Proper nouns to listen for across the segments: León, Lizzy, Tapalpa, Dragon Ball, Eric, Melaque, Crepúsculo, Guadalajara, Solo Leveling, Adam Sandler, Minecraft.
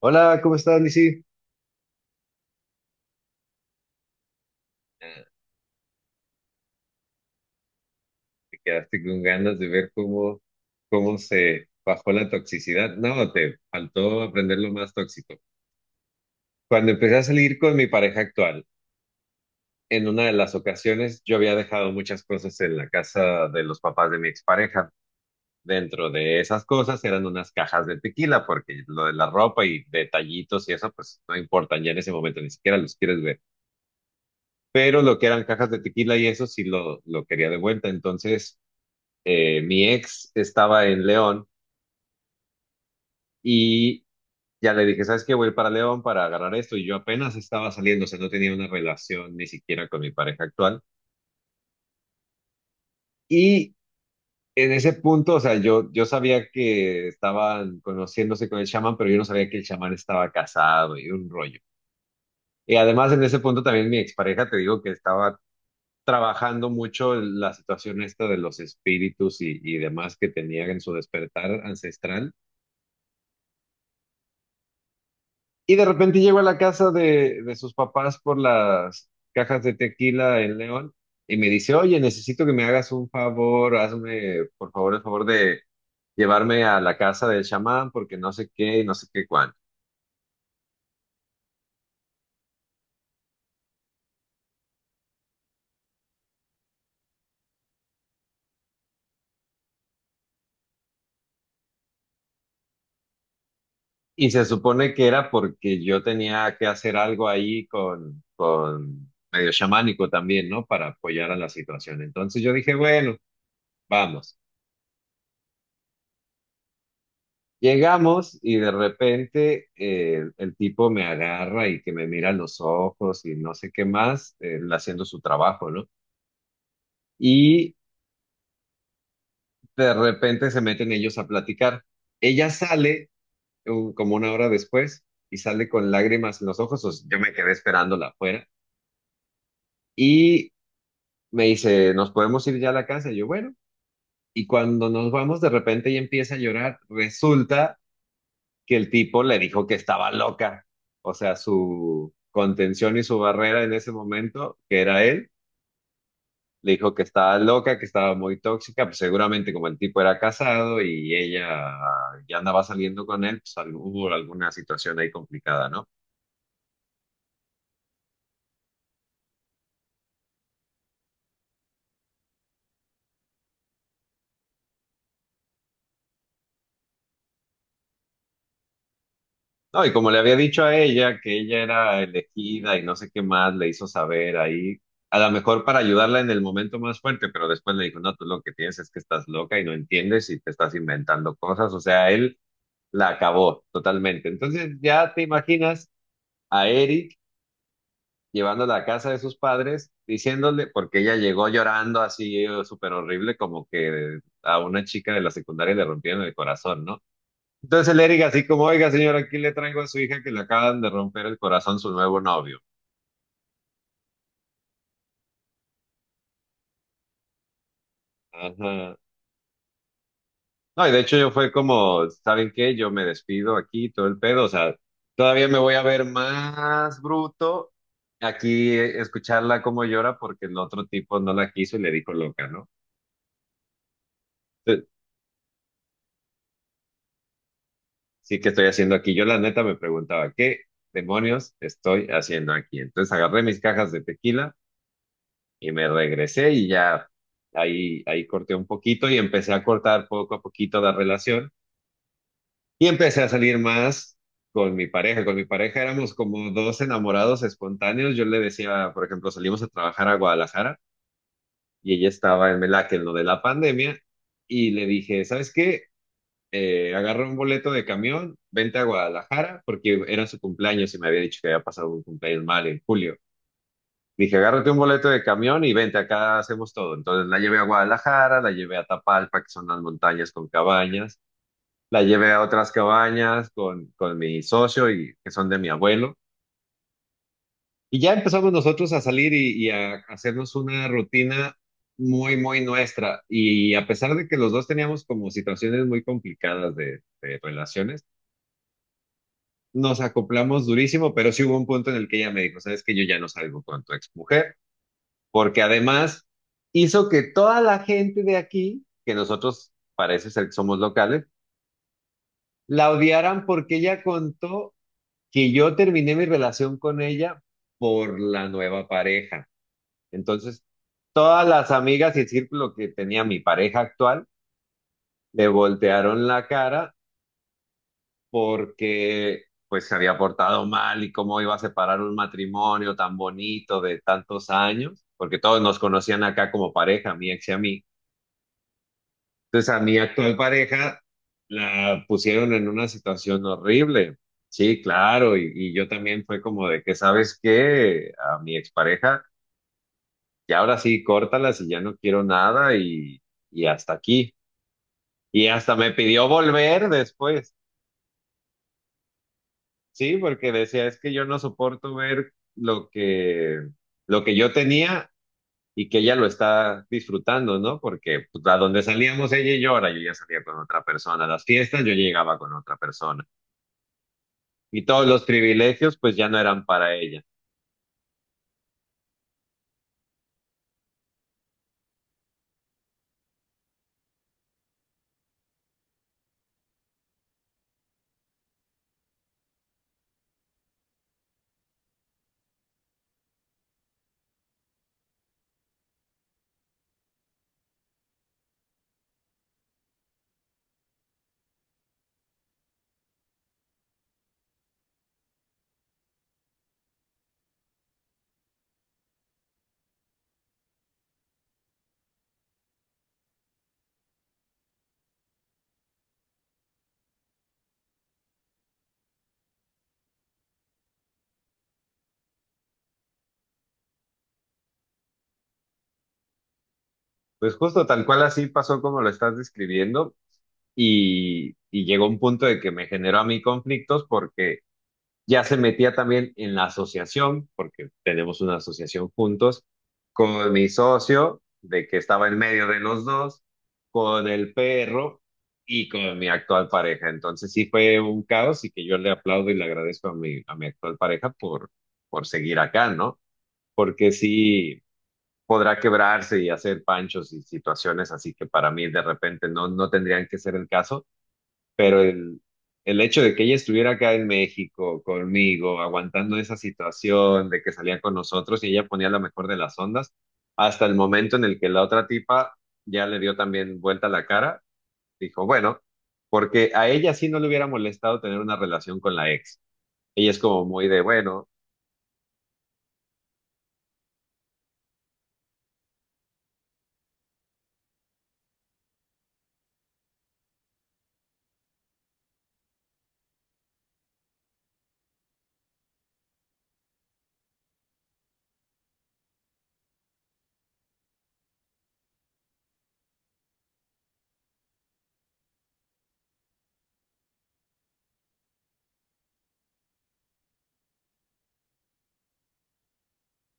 Hola, ¿cómo estás, Lizzy? Ah, te quedaste con ganas de ver cómo se bajó la toxicidad. No, te faltó aprender lo más tóxico. Cuando empecé a salir con mi pareja actual, en una de las ocasiones yo había dejado muchas cosas en la casa de los papás de mi expareja. Dentro de esas cosas eran unas cajas de tequila, porque lo de la ropa y detallitos y eso, pues no importan ya en ese momento, ni siquiera los quieres ver. Pero lo que eran cajas de tequila y eso sí lo quería de vuelta. Entonces, mi ex estaba en León y ya le dije, ¿sabes qué? Voy para León para agarrar esto y yo apenas estaba saliendo, o sea, no tenía una relación ni siquiera con mi pareja actual. Y en ese punto, o sea, yo sabía que estaban conociéndose con el chamán, pero yo no sabía que el chamán estaba casado y un rollo. Y además en ese punto también mi expareja, te digo que estaba trabajando mucho la situación esta de los espíritus y demás que tenía en su despertar ancestral. Y de repente llego a la casa de sus papás por las cajas de tequila en León y me dice, oye, necesito que me hagas un favor, hazme por favor el favor de llevarme a la casa del chamán porque no sé qué y no sé qué cuándo. Y se supone que era porque yo tenía que hacer algo ahí con medio chamánico también, ¿no? Para apoyar a la situación. Entonces yo dije, bueno, vamos. Llegamos y de repente el tipo me agarra y que me mira a los ojos y no sé qué más, él haciendo su trabajo, ¿no? Y de repente se meten ellos a platicar. Ella sale como una hora después y sale con lágrimas en los ojos, o sea, yo me quedé esperándola afuera y me dice, ¿nos podemos ir ya a la casa? Y yo, bueno, y cuando nos vamos de repente ella empieza a llorar, resulta que el tipo le dijo que estaba loca. O sea, su contención y su barrera en ese momento, que era él, le dijo que estaba loca, que estaba muy tóxica, pues seguramente como el tipo era casado y ella ya andaba saliendo con él, pues hubo alguna situación ahí complicada, ¿no? No, y como le había dicho a ella que ella era elegida y no sé qué más, le hizo saber ahí, a lo mejor para ayudarla en el momento más fuerte, pero después le dijo, no, tú lo que tienes es que estás loca y no entiendes y te estás inventando cosas. O sea, él la acabó totalmente. Entonces ya te imaginas a Eric llevándola a casa de sus padres, diciéndole, porque ella llegó llorando así, súper horrible, como que a una chica de la secundaria le rompieron el corazón, ¿no? Entonces el Eric así como, oiga señora, aquí le traigo a su hija que le acaban de romper el corazón su nuevo novio. Ajá. No, y de hecho yo fue como, ¿saben qué? Yo me despido aquí, todo el pedo, o sea, todavía me voy a ver más bruto aquí, escucharla como llora porque el otro tipo no la quiso y le dijo loca, ¿no? Entonces, sí, ¿que estoy haciendo aquí? Yo la neta me preguntaba, ¿qué demonios estoy haciendo aquí? Entonces agarré mis cajas de tequila y me regresé y ya ahí, ahí corté un poquito y empecé a cortar poco a poquito la relación. Y empecé a salir más con mi pareja. Con mi pareja éramos como dos enamorados espontáneos. Yo le decía, por ejemplo, salimos a trabajar a Guadalajara y ella estaba en Melaque, en lo de la pandemia, y le dije, ¿sabes qué? Agarra un boleto de camión, vente a Guadalajara, porque era su cumpleaños y me había dicho que había pasado un cumpleaños mal en julio. Dije, agárrate un boleto de camión y vente, acá hacemos todo. Entonces la llevé a Guadalajara, la llevé a Tapalpa, que son las montañas con cabañas, la llevé a otras cabañas con mi socio y que son de mi abuelo. Y ya empezamos nosotros a salir y a hacernos una rutina muy, muy nuestra. Y a pesar de que los dos teníamos como situaciones muy complicadas de relaciones, nos acoplamos durísimo, pero sí hubo un punto en el que ella me dijo, sabes que yo ya no salgo con tu exmujer, porque además hizo que toda la gente de aquí, que nosotros parece ser que somos locales, la odiaran porque ella contó que yo terminé mi relación con ella por la nueva pareja. Entonces, todas las amigas y el círculo que tenía mi pareja actual le voltearon la cara porque pues se había portado mal y cómo iba a separar un matrimonio tan bonito de tantos años, porque todos nos conocían acá como pareja, mi ex y a mí. Entonces a mi actual pareja la pusieron en una situación horrible. Sí, claro, y yo también fue como de que, ¿sabes qué? A mi expareja, y ahora sí, córtalas y ya no quiero nada y, y hasta aquí. Y hasta me pidió volver después, sí, porque decía, es que yo no soporto ver lo que yo tenía y que ella lo está disfrutando, ¿no? Porque pues, a donde salíamos ella y yo, ahora yo ya salía con otra persona, a las fiestas yo llegaba con otra persona. Y todos los privilegios pues ya no eran para ella. Pues justo tal cual así pasó como lo estás describiendo y llegó un punto de que me generó a mí conflictos porque ya se metía también en la asociación, porque tenemos una asociación juntos, con mi socio, de que estaba en medio de los dos, con el perro y con mi actual pareja. Entonces sí fue un caos y que yo le aplaudo y le agradezco a mi actual pareja por seguir acá, ¿no? Porque sí, podrá quebrarse y hacer panchos y situaciones así que para mí de repente no, no tendrían que ser el caso, pero el hecho de que ella estuviera acá en México conmigo, aguantando esa situación de que salía con nosotros y ella ponía la mejor de las ondas, hasta el momento en el que la otra tipa ya le dio también vuelta la cara, dijo, bueno, porque a ella sí no le hubiera molestado tener una relación con la ex. Ella es como muy de, bueno.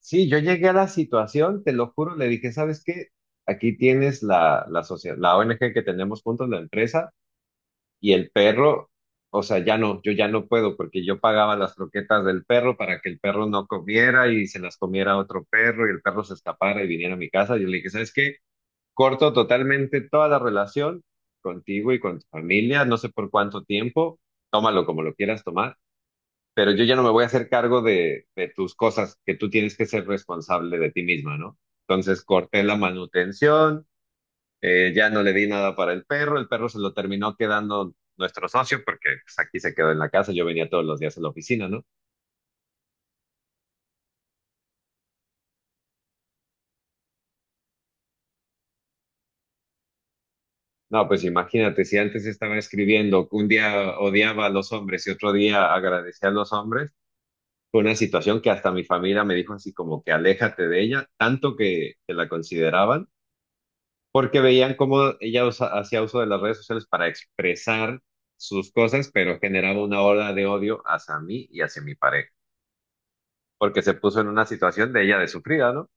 Sí, yo llegué a la situación, te lo juro, le dije, ¿sabes qué? Aquí tienes la, la sociedad, la ONG que tenemos juntos, la empresa, y el perro, o sea, ya no, yo ya no puedo, porque yo pagaba las croquetas del perro para que el perro no comiera y se las comiera otro perro y el perro se escapara y viniera a mi casa. Yo le dije, ¿sabes qué? Corto totalmente toda la relación contigo y con tu familia, no sé por cuánto tiempo, tómalo como lo quieras tomar, pero yo ya no me voy a hacer cargo de tus cosas, que tú tienes que ser responsable de ti misma, ¿no? Entonces corté la manutención, ya no le di nada para el perro se lo terminó quedando nuestro socio porque pues, aquí se quedó en la casa, yo venía todos los días a la oficina, ¿no? No, pues imagínate, si antes estaba escribiendo, un día odiaba a los hombres y otro día agradecía a los hombres, fue una situación que hasta mi familia me dijo así como que aléjate de ella, tanto que la consideraban porque veían cómo ella hacía uso de las redes sociales para expresar sus cosas, pero generaba una ola de odio hacia mí y hacia mi pareja, porque se puso en una situación de ella de sufrida, ¿no?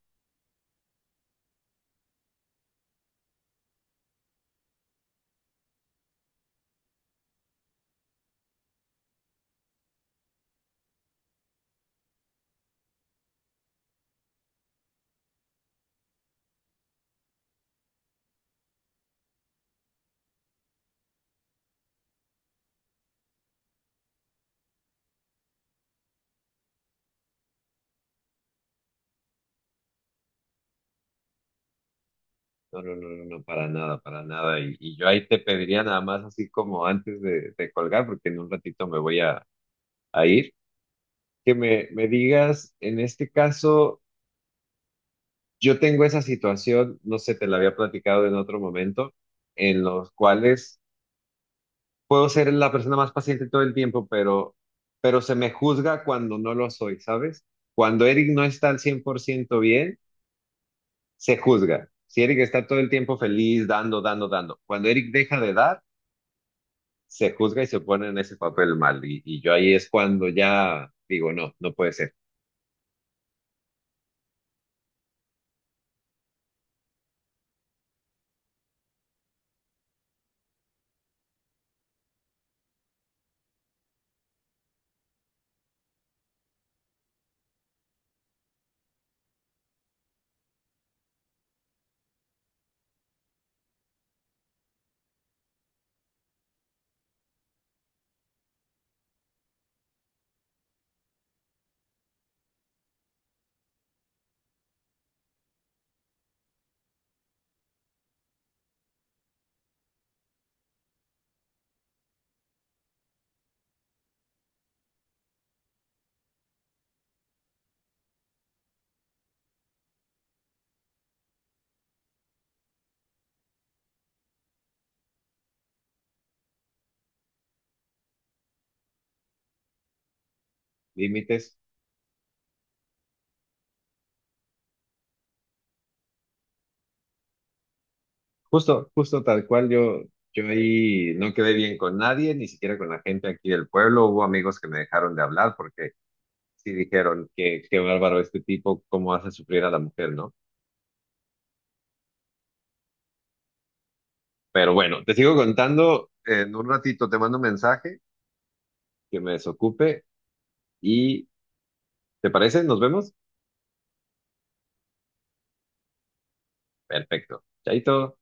No, no, no, no, no, para nada, para nada. Y yo ahí te pediría nada más así como antes de colgar, porque en un ratito me voy a ir, que me digas, en este caso, yo tengo esa situación, no sé, te la había platicado en otro momento, en los cuales puedo ser la persona más paciente todo el tiempo, pero se me juzga cuando no lo soy, ¿sabes? Cuando Eric no está al 100% bien, se juzga. Si Eric está todo el tiempo feliz, dando, dando, dando. Cuando Eric deja de dar, se juzga y se pone en ese papel mal. Y yo ahí es cuando ya digo, no, no puede ser. Límites. Justo, justo tal cual yo. Yo ahí no quedé bien con nadie, ni siquiera con la gente aquí del pueblo. Hubo amigos que me dejaron de hablar porque sí dijeron que qué bárbaro este tipo, cómo hace sufrir a la mujer, ¿no? Pero bueno, te sigo contando en un ratito, te mando un mensaje que me desocupe y, ¿te parece? ¿Nos vemos? Perfecto. Chaito.